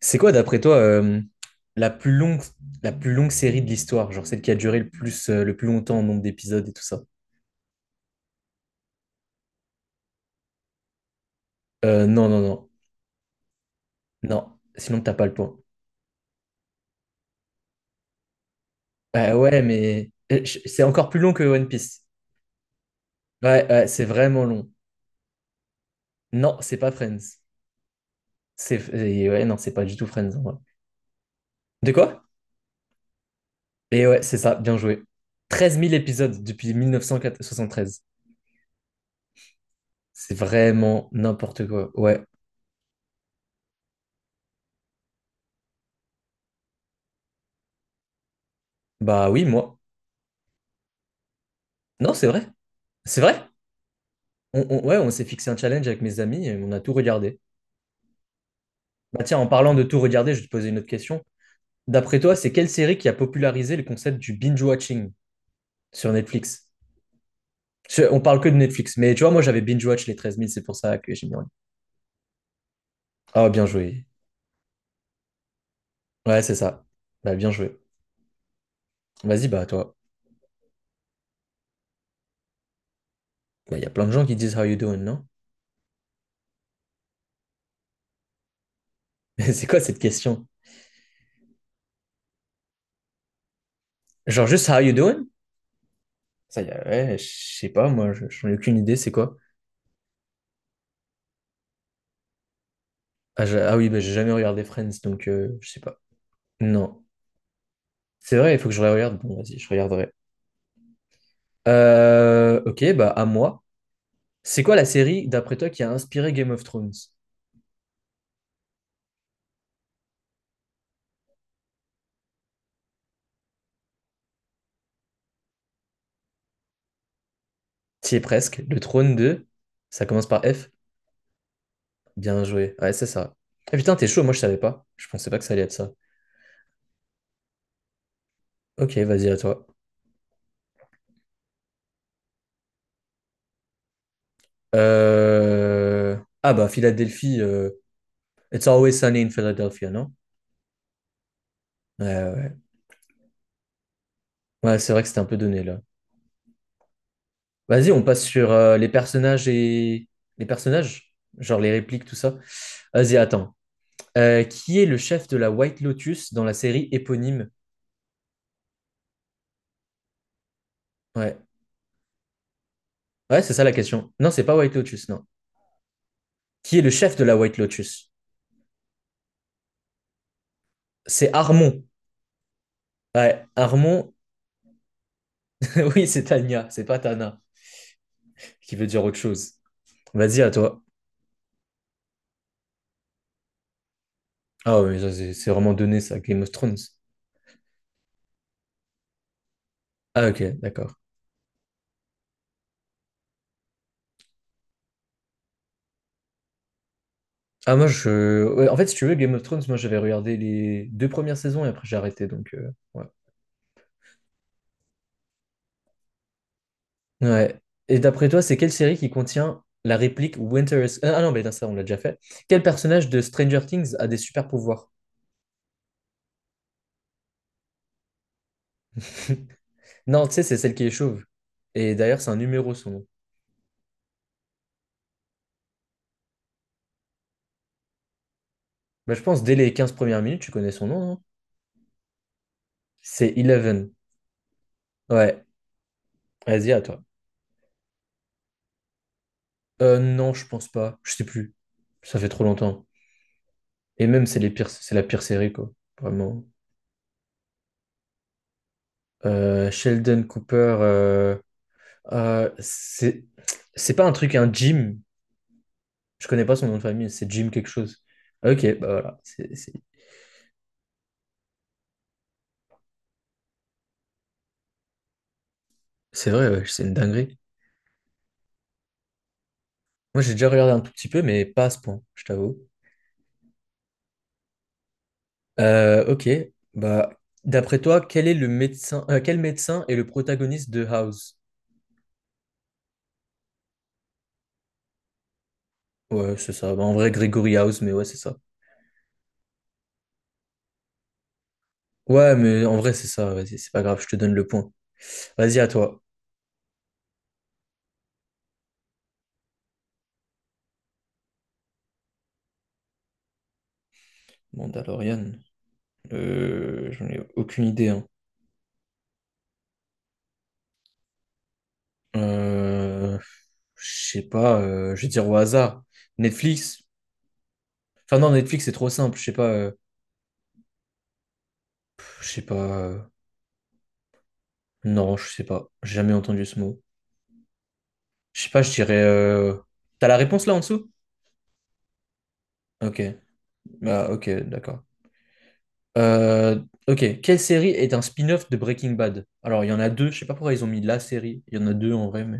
C'est quoi, d'après toi, la plus longue, la plus longue série de l'histoire? Genre celle qui a duré le plus longtemps en nombre d'épisodes et tout ça. Non, non, non. Non. Sinon, t'as pas le point. Bah ouais, mais c'est encore plus long que One Piece. Ouais, ouais, c'est vraiment long. Non, c'est pas Friends. C'est... et Ouais, non, c'est pas du tout Friends en vrai. De quoi? Et ouais, c'est ça, bien joué. 13 000 épisodes depuis 1973. C'est vraiment n'importe quoi. Ouais. Bah oui, moi. Non, c'est vrai. C'est vrai? Ouais, on s'est fixé un challenge avec mes amis et on a tout regardé. Bah tiens, en parlant de tout regarder, je vais te poser une autre question. D'après toi, c'est quelle série qui a popularisé le concept du binge-watching sur Netflix? On parle que de Netflix, mais tu vois, moi j'avais binge-watch les 13 000, c'est pour ça que j'ai mis en ligne. Ah, bien joué. Ouais, c'est ça. Bah, bien joué. Vas-y, bah toi. Bah, il y a plein de gens qui disent How you doing, non? Mais c'est quoi cette question? Genre juste How you doing? Ça y est, ouais, je sais pas, moi, j'en ai aucune idée, c'est quoi? Ah, ah oui, bah, j'ai jamais regardé Friends, donc je sais pas. Non. C'est vrai, il faut que je regarde. Bon, vas-y, je regarderai. Ok, bah à moi. C'est quoi la série, d'après toi, qui a inspiré Game of Thrones? T'y es presque. Le trône de... Ça commence par F. Bien joué. Ouais, c'est ça. Ah, putain, t'es chaud, moi je savais pas. Je pensais pas que ça allait être ça. Ok, vas-y, à toi. Euh, Ah bah, Philadelphie. It's always sunny in Philadelphia, non? Ouais, ouais. Ouais, ouais, c'est vrai que c'était un peu donné là. Vas-y, on passe sur les personnages et... Les personnages? Genre les répliques, tout ça. Vas-y, attends. Qui est le chef de la White Lotus dans la série éponyme? Ouais. Ouais, c'est ça la question. Non, c'est pas White Lotus, non. Qui est le chef de la White Lotus? C'est Armon. Ouais, Armon. Oui, c'est Tanya, c'est pas Tana, qui veut dire autre chose. Vas-y, à toi. Ah, ouais, mais ça, c'est vraiment donné, ça, Game of Thrones. Ah, ok, d'accord. Ah, moi, je. Ouais, en fait, si tu veux, Game of Thrones, moi, j'avais regardé les deux premières saisons et après, j'ai arrêté, donc, ouais. Ouais. Et d'après toi, c'est quelle série qui contient la réplique Winter is... Ah ah non, mais non, ça, on l'a déjà fait. Quel personnage de Stranger Things a des super pouvoirs? Non, tu sais, c'est celle qui est chauve. Et d'ailleurs, c'est un numéro, son nom. Bah, je pense, dès les 15 premières minutes, tu connais son nom, non? C'est Eleven. Ouais. Vas-y, à toi. Non, je pense pas. Je sais plus. Ça fait trop longtemps. Et même, c'est la pire série, quoi. Vraiment. Sheldon Cooper... euh, c'est... C'est pas un truc, un gym. Je connais pas son nom de famille, c'est Jim quelque chose. Ah, Ok, bah voilà. C'est vrai, ouais, c'est une dinguerie. Moi, j'ai déjà regardé un tout petit peu, mais pas à ce point, je t'avoue. Ok, bah, d'après toi, quel médecin est le protagoniste de House? Ouais, c'est ça. Bah, en vrai, Gregory House, mais ouais, c'est ça. Ouais, mais en vrai, c'est ça. Vas-y, c'est pas grave, je te donne le point. Vas-y, à toi. Mandalorian. J'en ai aucune idée, hein. Euh, je sais pas, je vais dire au hasard. Netflix? Enfin non, Netflix, c'est trop simple. Je sais pas. Je sais pas. Non, je sais pas. J'ai jamais entendu ce mot. Je sais pas, je dirais. T'as la réponse là en dessous? Ok, bah ok, d'accord. Euh, ok. Quelle série est un spin-off de Breaking Bad? Alors, il y en a deux. Je sais pas pourquoi ils ont mis la série. Il y en a deux en vrai, mais.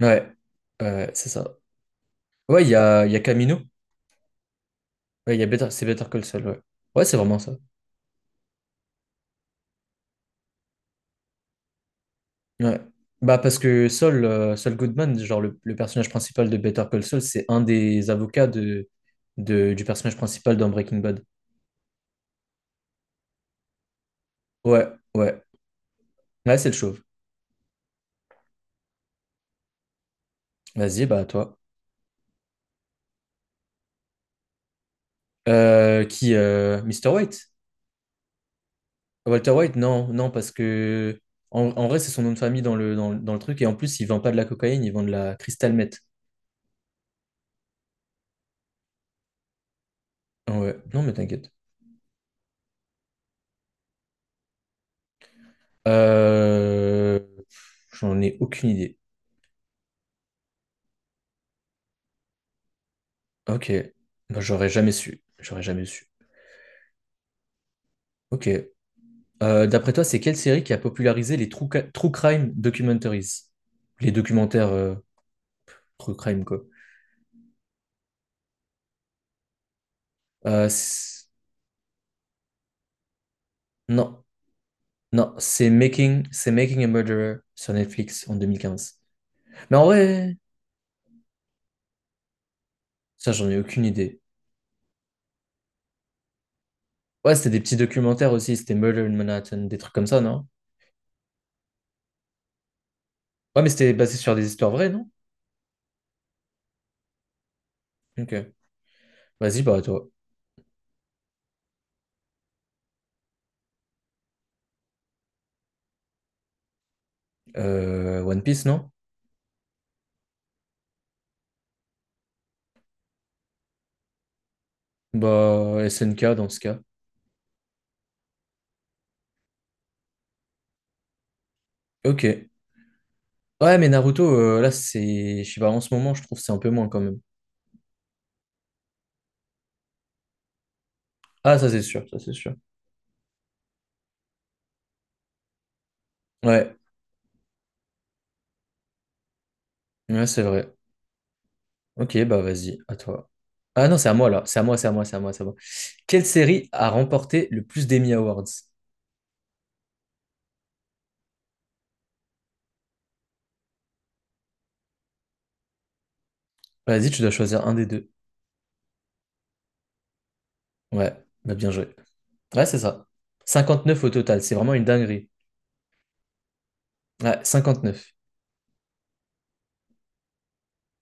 Ouais. Ouais, c'est ça. Ouais, il y a Camino. Ouais, il y a Better... c'est Better Call Saul, ouais. Ouais, c'est vraiment ça. Ouais. Bah parce que Saul Goodman, genre le personnage principal de Better Call Saul, c'est un des avocats du personnage principal dans Breaking Bad. Ouais, ouais. Ouais, c'est le chauve. Vas-y, bah toi. Qui Mr. White? Walter White? Non, non, parce que en vrai, c'est son nom de famille dans le truc. Et en plus, il vend pas de la cocaïne, il vend de la crystal meth. Ouais, non, mais t'inquiète. Euh, J'en ai aucune idée. Ok. Bah, j'aurais jamais su. J'aurais jamais su. Ok. D'après toi, c'est quelle série qui a popularisé les true crime documentaries? Les documentaires true crime, quoi. Euh, c'est- non, non, c'est Making a Murderer sur Netflix en 2015. Mais en vrai, ça, j'en ai aucune idée. Ouais, c'était des petits documentaires aussi, c'était Murder in Manhattan, des trucs comme ça, non? Ouais, mais c'était basé sur des histoires vraies, non? Ok. Vas-y, bah, toi. One Piece, non? Bah, SNK dans ce cas. Ok. Ouais, mais Naruto, là, c'est. Je sais pas, en ce moment, je trouve que c'est un peu moins quand même. Ah, ça c'est sûr, ça c'est sûr. Ouais, ouais, c'est vrai. Ok, bah vas-y, à toi. Ah non, c'est à moi là. C'est à moi, c'est à moi, c'est à moi, c'est à moi. Quelle série a remporté le plus d'Emmy Awards? Vas-y, tu dois choisir un des deux. Ouais, bah bien joué. Ouais, c'est ça. 59 au total, c'est vraiment une dinguerie. Ouais, 59.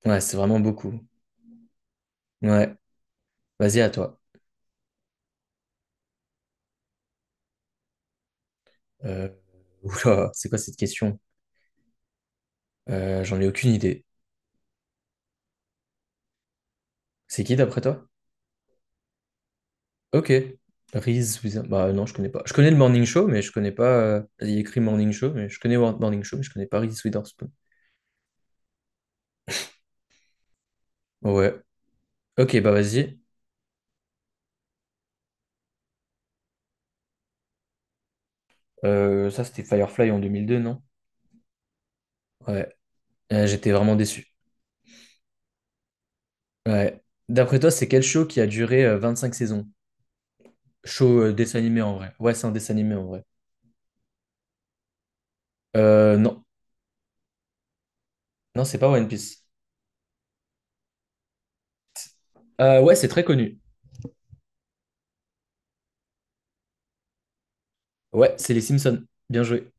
Ouais, c'est vraiment beaucoup. Ouais, vas-y, à toi. Euh... Oula, c'est quoi cette question? J'en ai aucune idée. C'est qui d'après toi? Ok. Reese Witherspoon. Bah non, je connais pas. Je connais le Morning Show, mais je connais pas. Il y a écrit Morning Show, mais je connais Morning Show, mais je connais pas Reese Witherspoon. Ouais. Ok, bah vas-y. Ça, c'était Firefly en 2002, non? Ouais. J'étais vraiment déçu. Ouais. D'après toi, c'est quel show qui a duré cinq saisons? Show dessin animé en vrai. Ouais, c'est un dessin animé en vrai. Non. Non, c'est pas One Piece. Ouais, c'est très connu. Ouais, c'est les Simpsons. Bien joué.